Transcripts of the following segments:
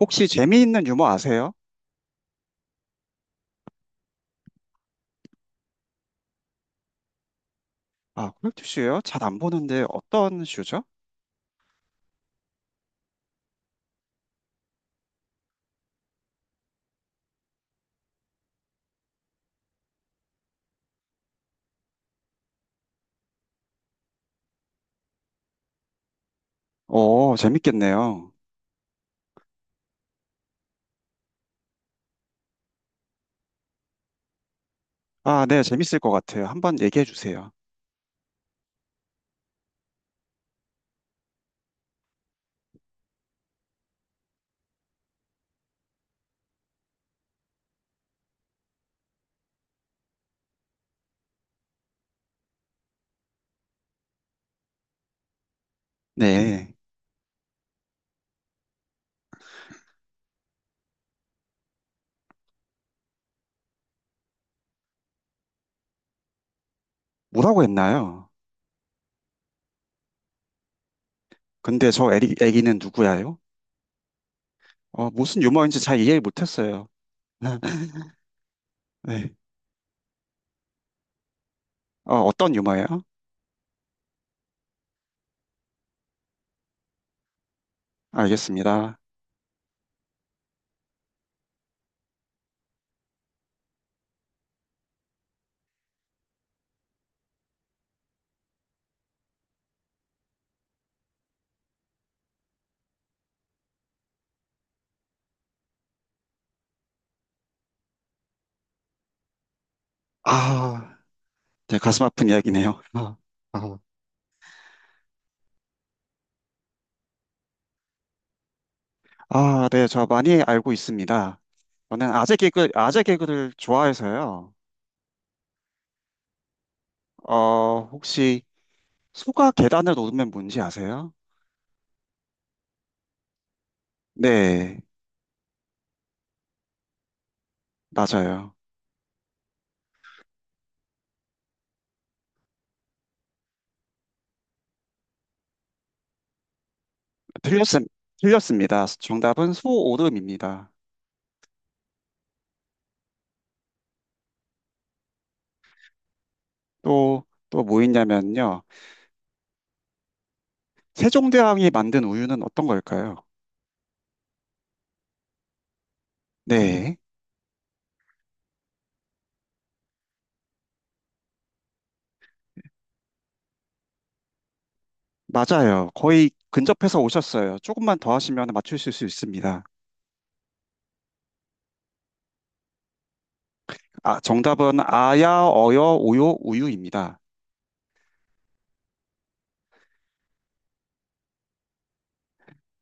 혹시 재미있는 유머 아세요? 아, 컬투쇼요? 잘 안 보는데 어떤 쇼죠? 오, 재밌겠네요. 아, 네, 재밌을 것 같아요. 한번 얘기해 주세요. 네, 뭐라고 했나요? 근데 저 애기, 애기는 누구야요? 무슨 유머인지 잘 이해 못했어요. 네, 어떤 유머예요? 알겠습니다. 아, 네, 가슴 아픈 이야기네요. 아, 아, 아, 네, 저 많이 알고 있습니다. 저는 아재 개그, 아재 개그를 좋아해서요. 혹시 소가 계단을 오르면 뭔지 아세요? 네, 맞아요. 틀렸음, 틀렸습니다. 정답은 소오름입니다. 또, 또 뭐 있냐면요. 세종대왕이 만든 우유는 어떤 걸까요? 네, 맞아요. 거의 근접해서 오셨어요. 조금만 더 하시면 맞추실 수 있습니다. 아, 정답은 아야, 어여, 오요, 우유입니다.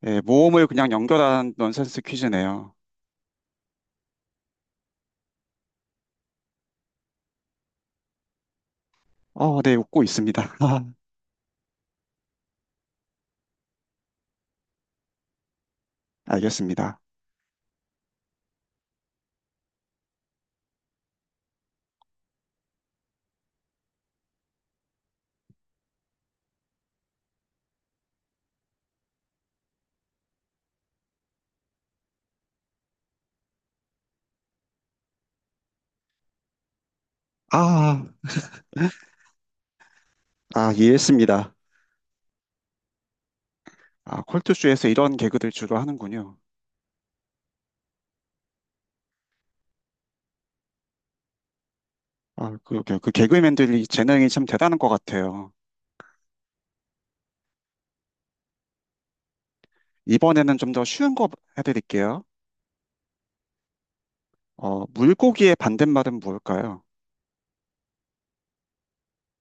예, 모음을 그냥 연결한 넌센스 퀴즈네요. 네, 웃고 있습니다. 알겠습니다. 아, 아, 이해했습니다. 아, 컬투쇼에서 이런 개그들 주로 하는군요. 아, 그, 그, 그 개그맨들이 재능이 참 대단한 것 같아요. 이번에는 좀 더 쉬운 거 해드릴게요. 물고기의 반대말은 뭘까요?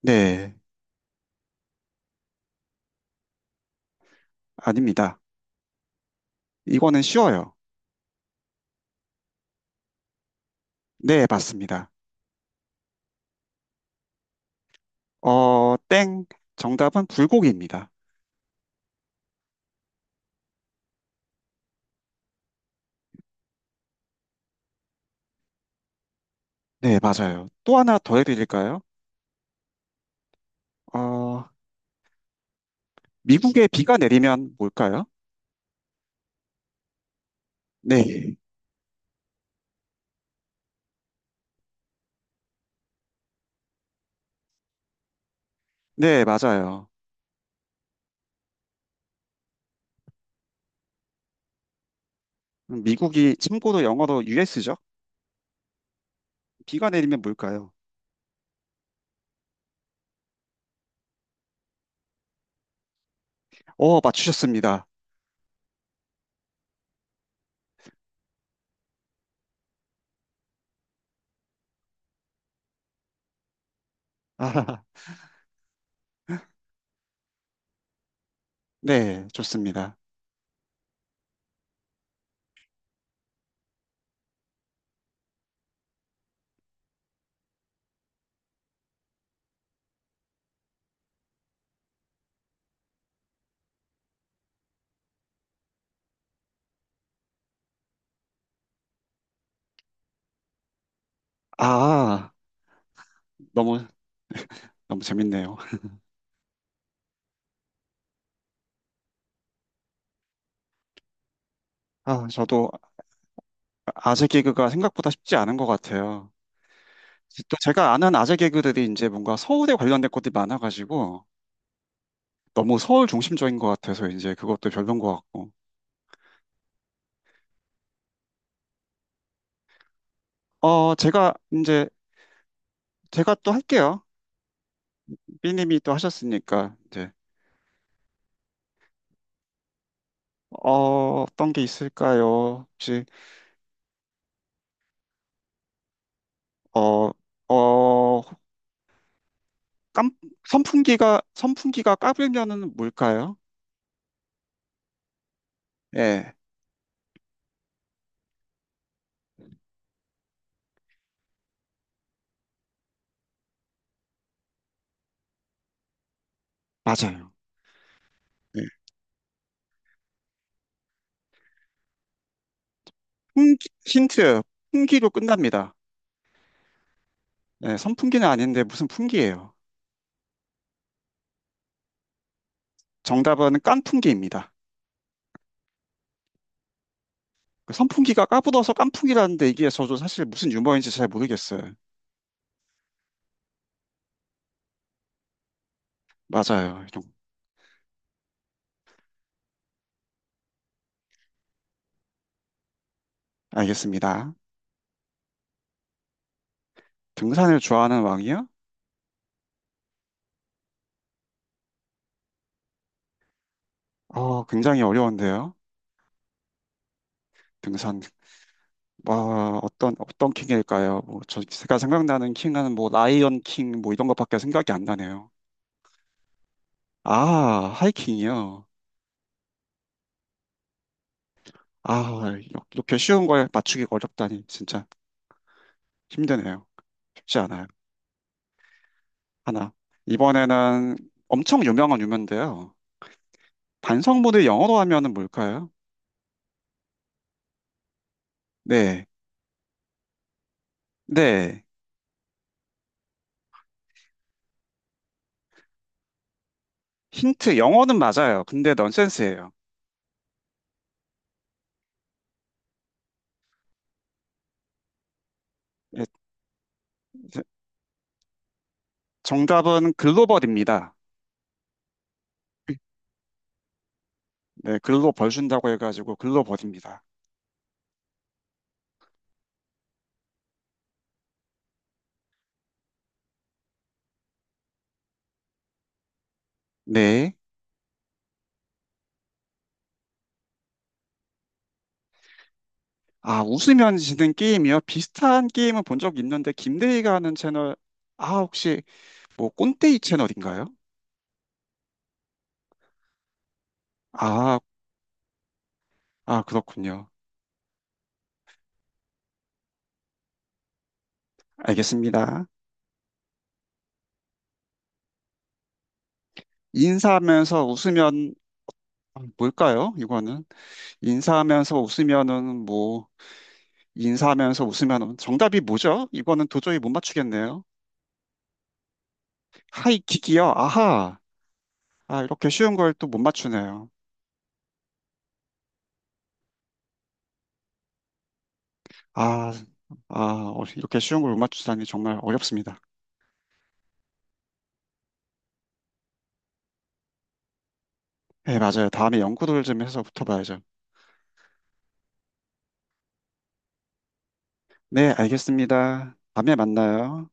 네, 아닙니다. 이거는 쉬워요. 네, 맞습니다. 어, 땡. 정답은 불고기입니다. 네, 맞아요. 또 하나 더 해드릴까요? 어, 미국에 비가 내리면 뭘까요? 네, 네, 맞아요. 미국이 참고로 영어로 US죠? 비가 내리면 뭘까요? 어, 맞추셨습니다. 아, 네, 좋습니다. 아, 너무, 너무 재밌네요. 아, 저도 아재 개그가 생각보다 쉽지 않은 것 같아요. 또 제가 아는 아재 개그들이 이제 뭔가 서울에 관련된 것들이 많아가지고 너무 서울 중심적인 것 같아서 이제 그것도 별론 것 같고. 어, 제가 이제, 제가 또 할게요. 삐님이 또 하셨으니까 이제, 어떤 게 있을까요? 혹시, 어, 어, 깜, 선풍기가 까불면은 뭘까요? 예, 맞아요. 풍기, 힌트, 풍기로 끝납니다. 네, 선풍기는 아닌데 무슨 풍기예요. 정답은 깐풍기입니다. 그 선풍기가 까불어서 깐풍기라는데 이게 저도 사실 무슨 유머인지 잘 모르겠어요. 맞아요. 이런- 알겠습니다. 등산을 좋아하는 왕이요? 어, 굉장히 어려운데요. 등산, 와, 어떤, 어떤 킹일까요? 뭐, 저, 제가 생각나는 킹은 뭐, 라이언 킹, 뭐, 이런 것밖에 생각이 안 나네요. 아, 하이킹이요. 아, 이렇게 쉬운 걸 맞추기가 어렵다니, 진짜 힘드네요. 쉽지 않아요. 하나. 이번에는 엄청 유명한 유명인데요. 반성문을 영어로 하면은 뭘까요? 네. 네. 힌트, 영어는 맞아요. 근데 넌센스예요. 예, 정답은 글로벌입니다. 네, 글로 벌준다고 해가지고 글로 벌입니다. 네. 아, 웃으면 지는 게임이요? 비슷한 게임은 본 적 있는데, 김대희가 하는 채널, 아, 혹시 뭐 꼰대이 채널인가요? 아, 아, 그렇군요. 알겠습니다. 인사하면서 웃으면 뭘까요? 이거는 인사하면서 웃으면은 뭐 인사하면서 웃으면은 정답이 뭐죠? 이거는 도저히 못 맞추겠네요. 하이킥이요? 아하. 아, 이렇게 쉬운 걸 또 못 맞추네요. 아, 아, 이렇게 쉬운 걸 못 맞추다니 정말 어렵습니다. 네, 맞아요. 다음에 연구를 좀 해서 붙어봐야죠. 네, 알겠습니다. 다음에 만나요.